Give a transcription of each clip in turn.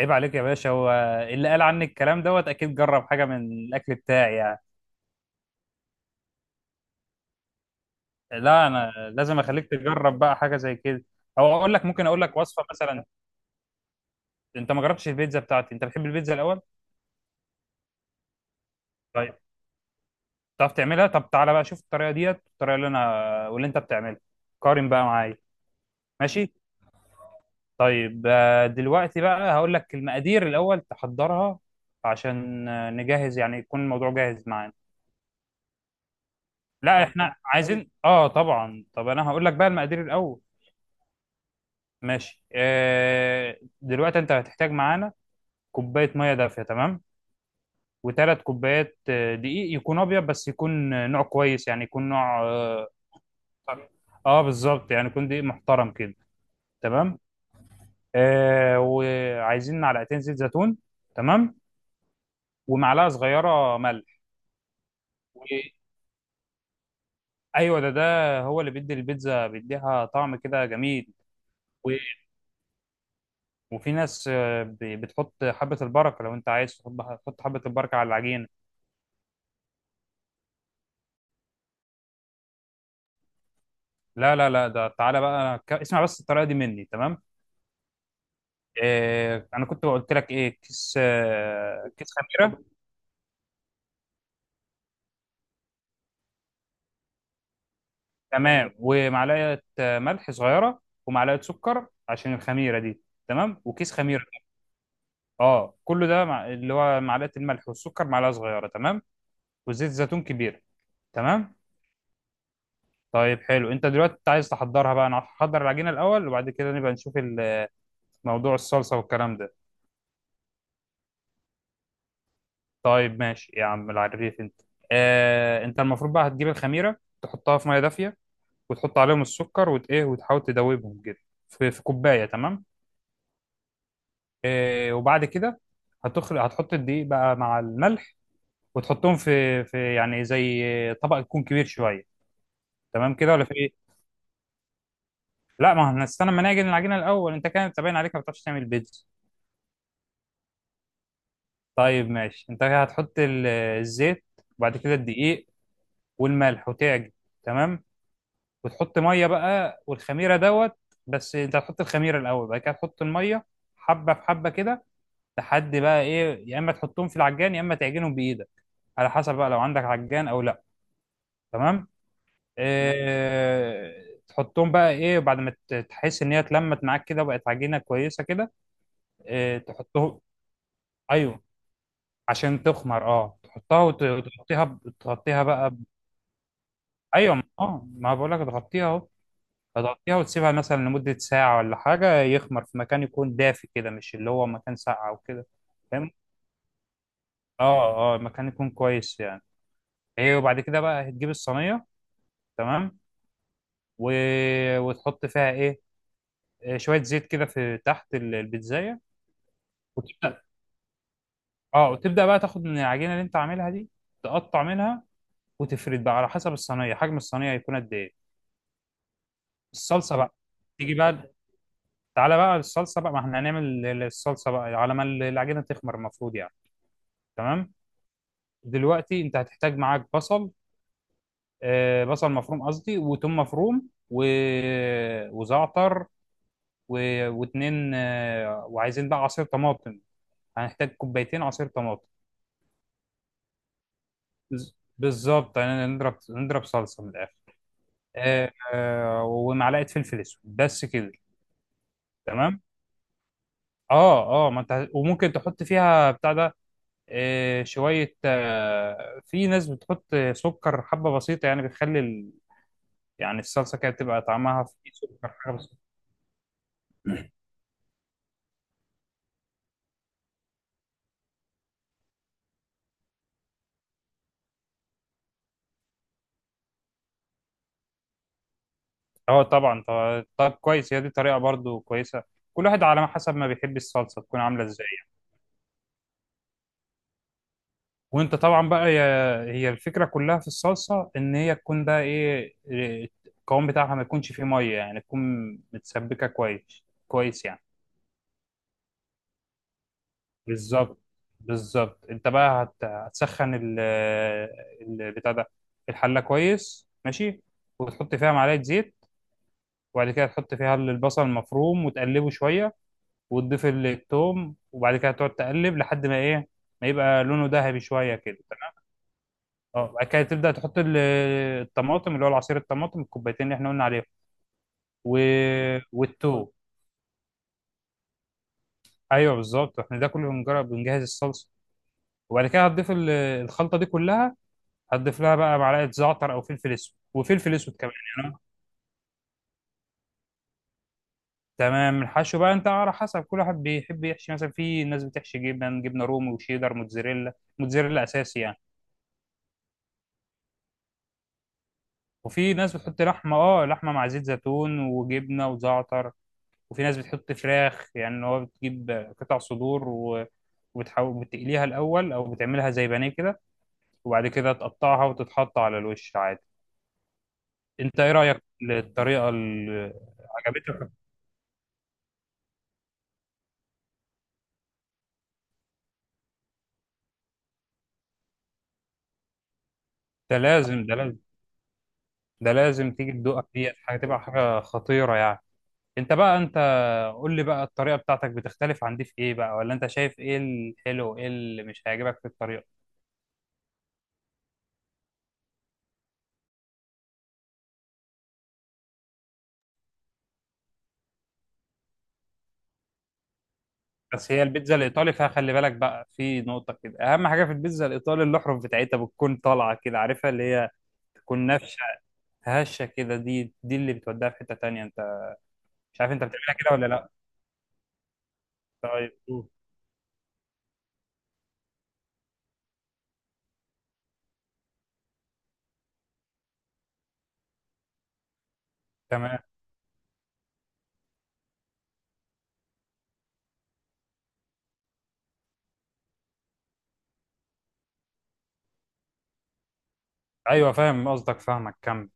عيب عليك يا باشا. هو اللي قال عني الكلام دوت اكيد جرب حاجه من الاكل بتاعي يعني. لا انا لازم اخليك تجرب بقى حاجه زي كده، او اقول لك ممكن اقول لك وصفه مثلا. انت ما جربتش البيتزا بتاعتي؟ انت بتحب البيتزا الاول؟ طيب تعرف تعملها؟ طب تعالى بقى شوف الطريقه ديت، الطريقه اللي انا واللي انت بتعملها، قارن بقى معايا. ماشي. طيب، دلوقتي بقى هقول لك المقادير الاول تحضرها، عشان نجهز يعني، يكون الموضوع جاهز معانا. لا احنا عايزين طبعا. طب انا هقول لك بقى المقادير الاول. ماشي. دلوقتي انت هتحتاج معانا كوبايه ميه دافيه، تمام. وثلاث كوبايات دقيق، يكون ابيض، بس يكون نوع كويس، يعني يكون نوع اه بالظبط، يعني يكون دقيق محترم كده. تمام. آه، وعايزين معلقتين زيت زيتون. تمام. ومعلقه صغيره ملح. و- ايوه، ده هو اللي بيدي البيتزا، بيديها طعم كده جميل. و- وفي ناس بتحط حبه البركه، لو انت عايز تحط، تحط حبه البركه على العجينه. لا لا لا، ده تعالى بقى، أنا اسمع بس الطريقه دي مني. تمام. إيه، انا كنت قلت لك ايه؟ كيس خميره تمام. ومعلقه ملح صغيره. ومعلقه سكر عشان الخميره دي. تمام. وكيس خميره. اه، كله ده اللي هو معلقه الملح والسكر معلقه صغيره، تمام. وزيت زيتون كبير. تمام. طيب حلو. انت دلوقتي عايز تحضرها بقى، انا هحضر العجينه الاول، وبعد كده نبقى نشوف موضوع الصلصه والكلام ده. طيب ماشي يا عم العريف انت. آه، انت المفروض بقى هتجيب الخميره، تحطها في ميه دافيه، وتحط عليهم السكر وت ايه وتحاول تدوبهم كده في كوبايه، تمام. آه، وبعد كده هتحط الدقيق بقى مع الملح، وتحطهم في يعني زي طبق يكون كبير شويه، تمام كده ولا في ايه؟ لا، ما احنا هنستنى ما نعجن العجينه الاول. انت كده، انت باين عليك ما بتعرفش تعمل بيتزا. طيب ماشي، انت هتحط الزيت، وبعد كده الدقيق والملح، وتعجن، تمام. وتحط ميه بقى والخميره دوت، بس انت هتحط الخميره الاول، بعد كده تحط الميه، حبه في حبه كده، لحد بقى ايه، يا اما تحطهم في العجان، يا اما تعجنهم بايدك، على حسب بقى، لو عندك عجان او لا. تمام. إيه، تحطهم بقى ايه، بعد ما تحس ان هي اتلمت معاك كده وبقت عجينه كويسه كده، إيه، تحطهم. ايوه، عشان تخمر. اه، تحطها وتغطيها تغطيها بقى. ايوه ما بقول لك تغطيها اهو. هتغطيها وتسيبها مثلا لمدة ساعة ولا حاجة، يخمر في مكان يكون دافي كده، مش اللي هو مكان ساقع أو كده. فاهم؟ اه اه، مكان يكون كويس يعني. ايه، وبعد كده بقى هتجيب الصينية، تمام. و... وتحط فيها ايه؟ شوية زيت كده في تحت البيتزاية، وتبدأ. اه، وتبدأ بقى تاخد من العجينة اللي انت عاملها دي، تقطع منها، وتفرد بقى على حسب الصينية، حجم الصينية هيكون قد ايه. الصلصة بقى، تيجي بقى، تعالى بقى الصلصة بقى، ما احنا هنعمل الصلصة بقى على ما العجينة تخمر المفروض، يعني. تمام. دلوقتي انت هتحتاج معاك بصل، بصل مفروم قصدي، وتوم مفروم، وزعتر، و... واتنين، وعايزين بقى عصير طماطم. هنحتاج كوبايتين عصير طماطم. بالظبط، يعني نضرب نضرب صلصة من الآخر. ومعلقة فلفل اسود بس كده. تمام. اه اه، ما انت وممكن تحط فيها بتاع ده، شوية في ناس بتحط سكر حبة بسيطة، يعني بتخلي يعني الصلصة كده بتبقى طعمها فيه سكر حاجة بسيطة. اه طبعا. طب، كويس، هي دي طريقه برضو كويسه، كل واحد على ما حسب ما بيحب الصلصه تكون عامله ازاي. وانت طبعا بقى، هي الفكره كلها في الصلصه، ان هي تكون بقى ايه، إيه، القوام بتاعها ما يكونش فيه ميه، يعني تكون متسبكه كويس، كويس يعني. بالظبط، بالظبط، انت بقى هتسخن بتاع ده، الحله كويس، ماشي. وتحط فيها معلقه زيت، وبعد كده تحط فيها البصل المفروم وتقلبه شويه، وتضيف التوم، وبعد كده تقعد تقلب لحد ما ايه، ما يبقى لونه ذهبي شويه كده، تمام. اه، بعد كده تبدا تحط الطماطم، اللي هو العصير الطماطم الكوبايتين اللي احنا قلنا عليهم، و... والتوم. ايوه بالظبط، احنا ده كله بنجرب بنجهز الصلصه. وبعد كده هتضيف الخلطه دي كلها، هتضيف لها بقى معلقه زعتر او فلفل اسود، وفلفل اسود كمان يعني. تمام. الحشو بقى انت على حسب، كل واحد بيحب يحشي مثلا، في ناس بتحشي جبن، جبنه رومي وشيدر موتزاريلا، موتزاريلا اساسي يعني. وفي ناس بتحط لحمه، مع زيت زيتون وجبنه وزعتر. وفي ناس بتحط فراخ، يعني إن هو بتجيب قطع صدور وبتحاول بتقليها الاول، او بتعملها زي بانيه كده، وبعد كده تقطعها وتتحط على الوش عادي. انت ايه رايك للطريقه اللي عجبتك؟ ده لازم، ده لازم، ده لازم تيجي تدوقها ديت، حاجه تبقى حاجه خطيره يعني. انت قول لي بقى الطريقه بتاعتك بتختلف عن دي في ايه بقى، ولا انت شايف ايه الحلو، وايه اللي مش هيعجبك في الطريقه؟ بس هي البيتزا الايطالي فيها، خلي بالك بقى في نقطه كده، اهم حاجه في البيتزا الايطالي الاحرف بتاعتها بتكون طالعه كده عارفها، اللي هي تكون نافشه، هشه كده، دي اللي بتوديها في حته تانية انت. مش عارف انت بتعملها كده ولا لا. طيب أوه. تمام. ايوه فاهم قصدك، فاهمك كمل.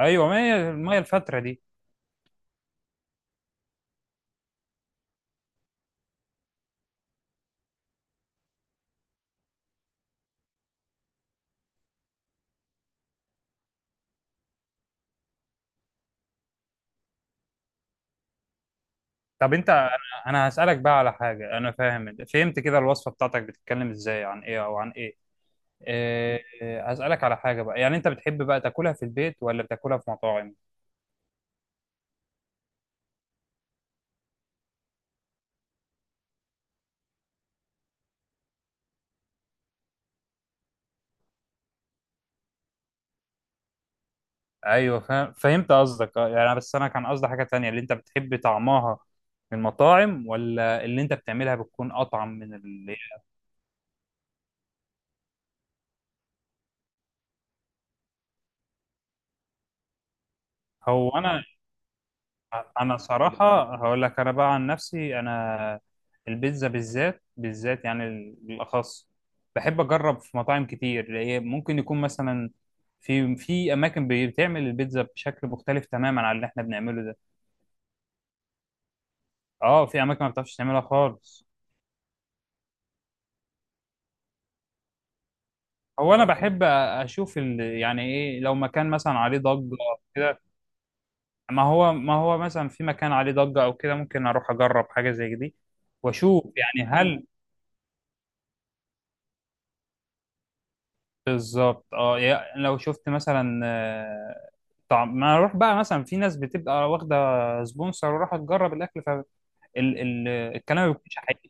ايوه، ما هي الفتره دي. طب انت انا أنا هسالك بقى على حاجه. انا فهمت كده، الوصفه بتاعتك بتتكلم ازاي عن ايه او عن ايه؟ إيه، هسألك على حاجة بقى، يعني أنت بتحب بقى تاكلها في البيت ولا بتاكلها في مطاعم؟ ايوه فهمت قصدك. اه، يعني بس انا كان قصدي حاجه تانية، اللي انت بتحب طعمها من المطاعم ولا اللي انت بتعملها بتكون اطعم من اللي... هو انا صراحه هقول لك، انا بقى عن نفسي انا، البيتزا بالذات، بالذات يعني بالاخص، بحب اجرب في مطاعم كتير، هي ممكن يكون مثلا في اماكن بتعمل البيتزا بشكل مختلف تماما عن اللي احنا بنعمله ده. اه، في اماكن ما بتعرفش تعملها خالص. هو انا بحب اشوف يعني ايه، لو مكان مثلا عليه ضجه أو كده. ما هو مثلا في مكان عليه ضجه او كده، ممكن اروح اجرب حاجه زي دي، واشوف يعني هل. بالظبط، اه، لو شفت مثلا طعم، ما اروح بقى مثلا، في ناس بتبقى واخده سبونسر وراح تجرب الاكل، فالكلام ما بيكونش حقيقي.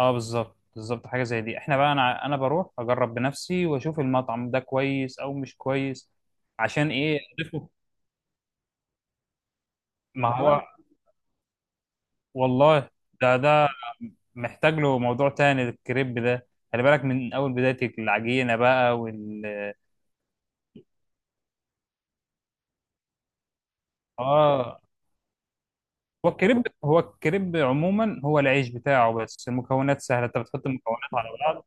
اه بالظبط، بالظبط، حاجه زي دي. احنا بقى، انا بروح اجرب بنفسي واشوف المطعم ده كويس او مش كويس، عشان ايه اضيفه. ما هو والله. ده محتاج له موضوع تاني، الكريب ده، خلي بالك من اول بداية العجينة بقى اه، هو الكريب عموما هو العيش بتاعه، بس المكونات سهلة، انت بتحط المكونات على بعض.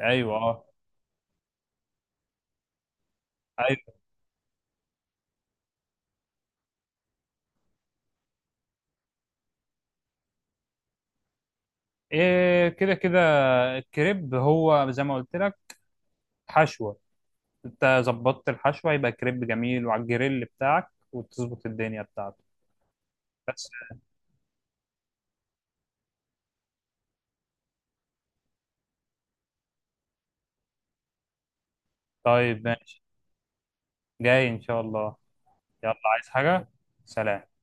ايوه اه، ايوه. إيه، كده كده الكريب، هو زي ما قلت لك، حشوة، انت ظبطت الحشوة يبقى كريب جميل، وعلى الجريل بتاعك وتظبط الدنيا بتاعته بس. طيب ماشي، جاي ان شاء الله. يلا عايز حاجة؟ سلام.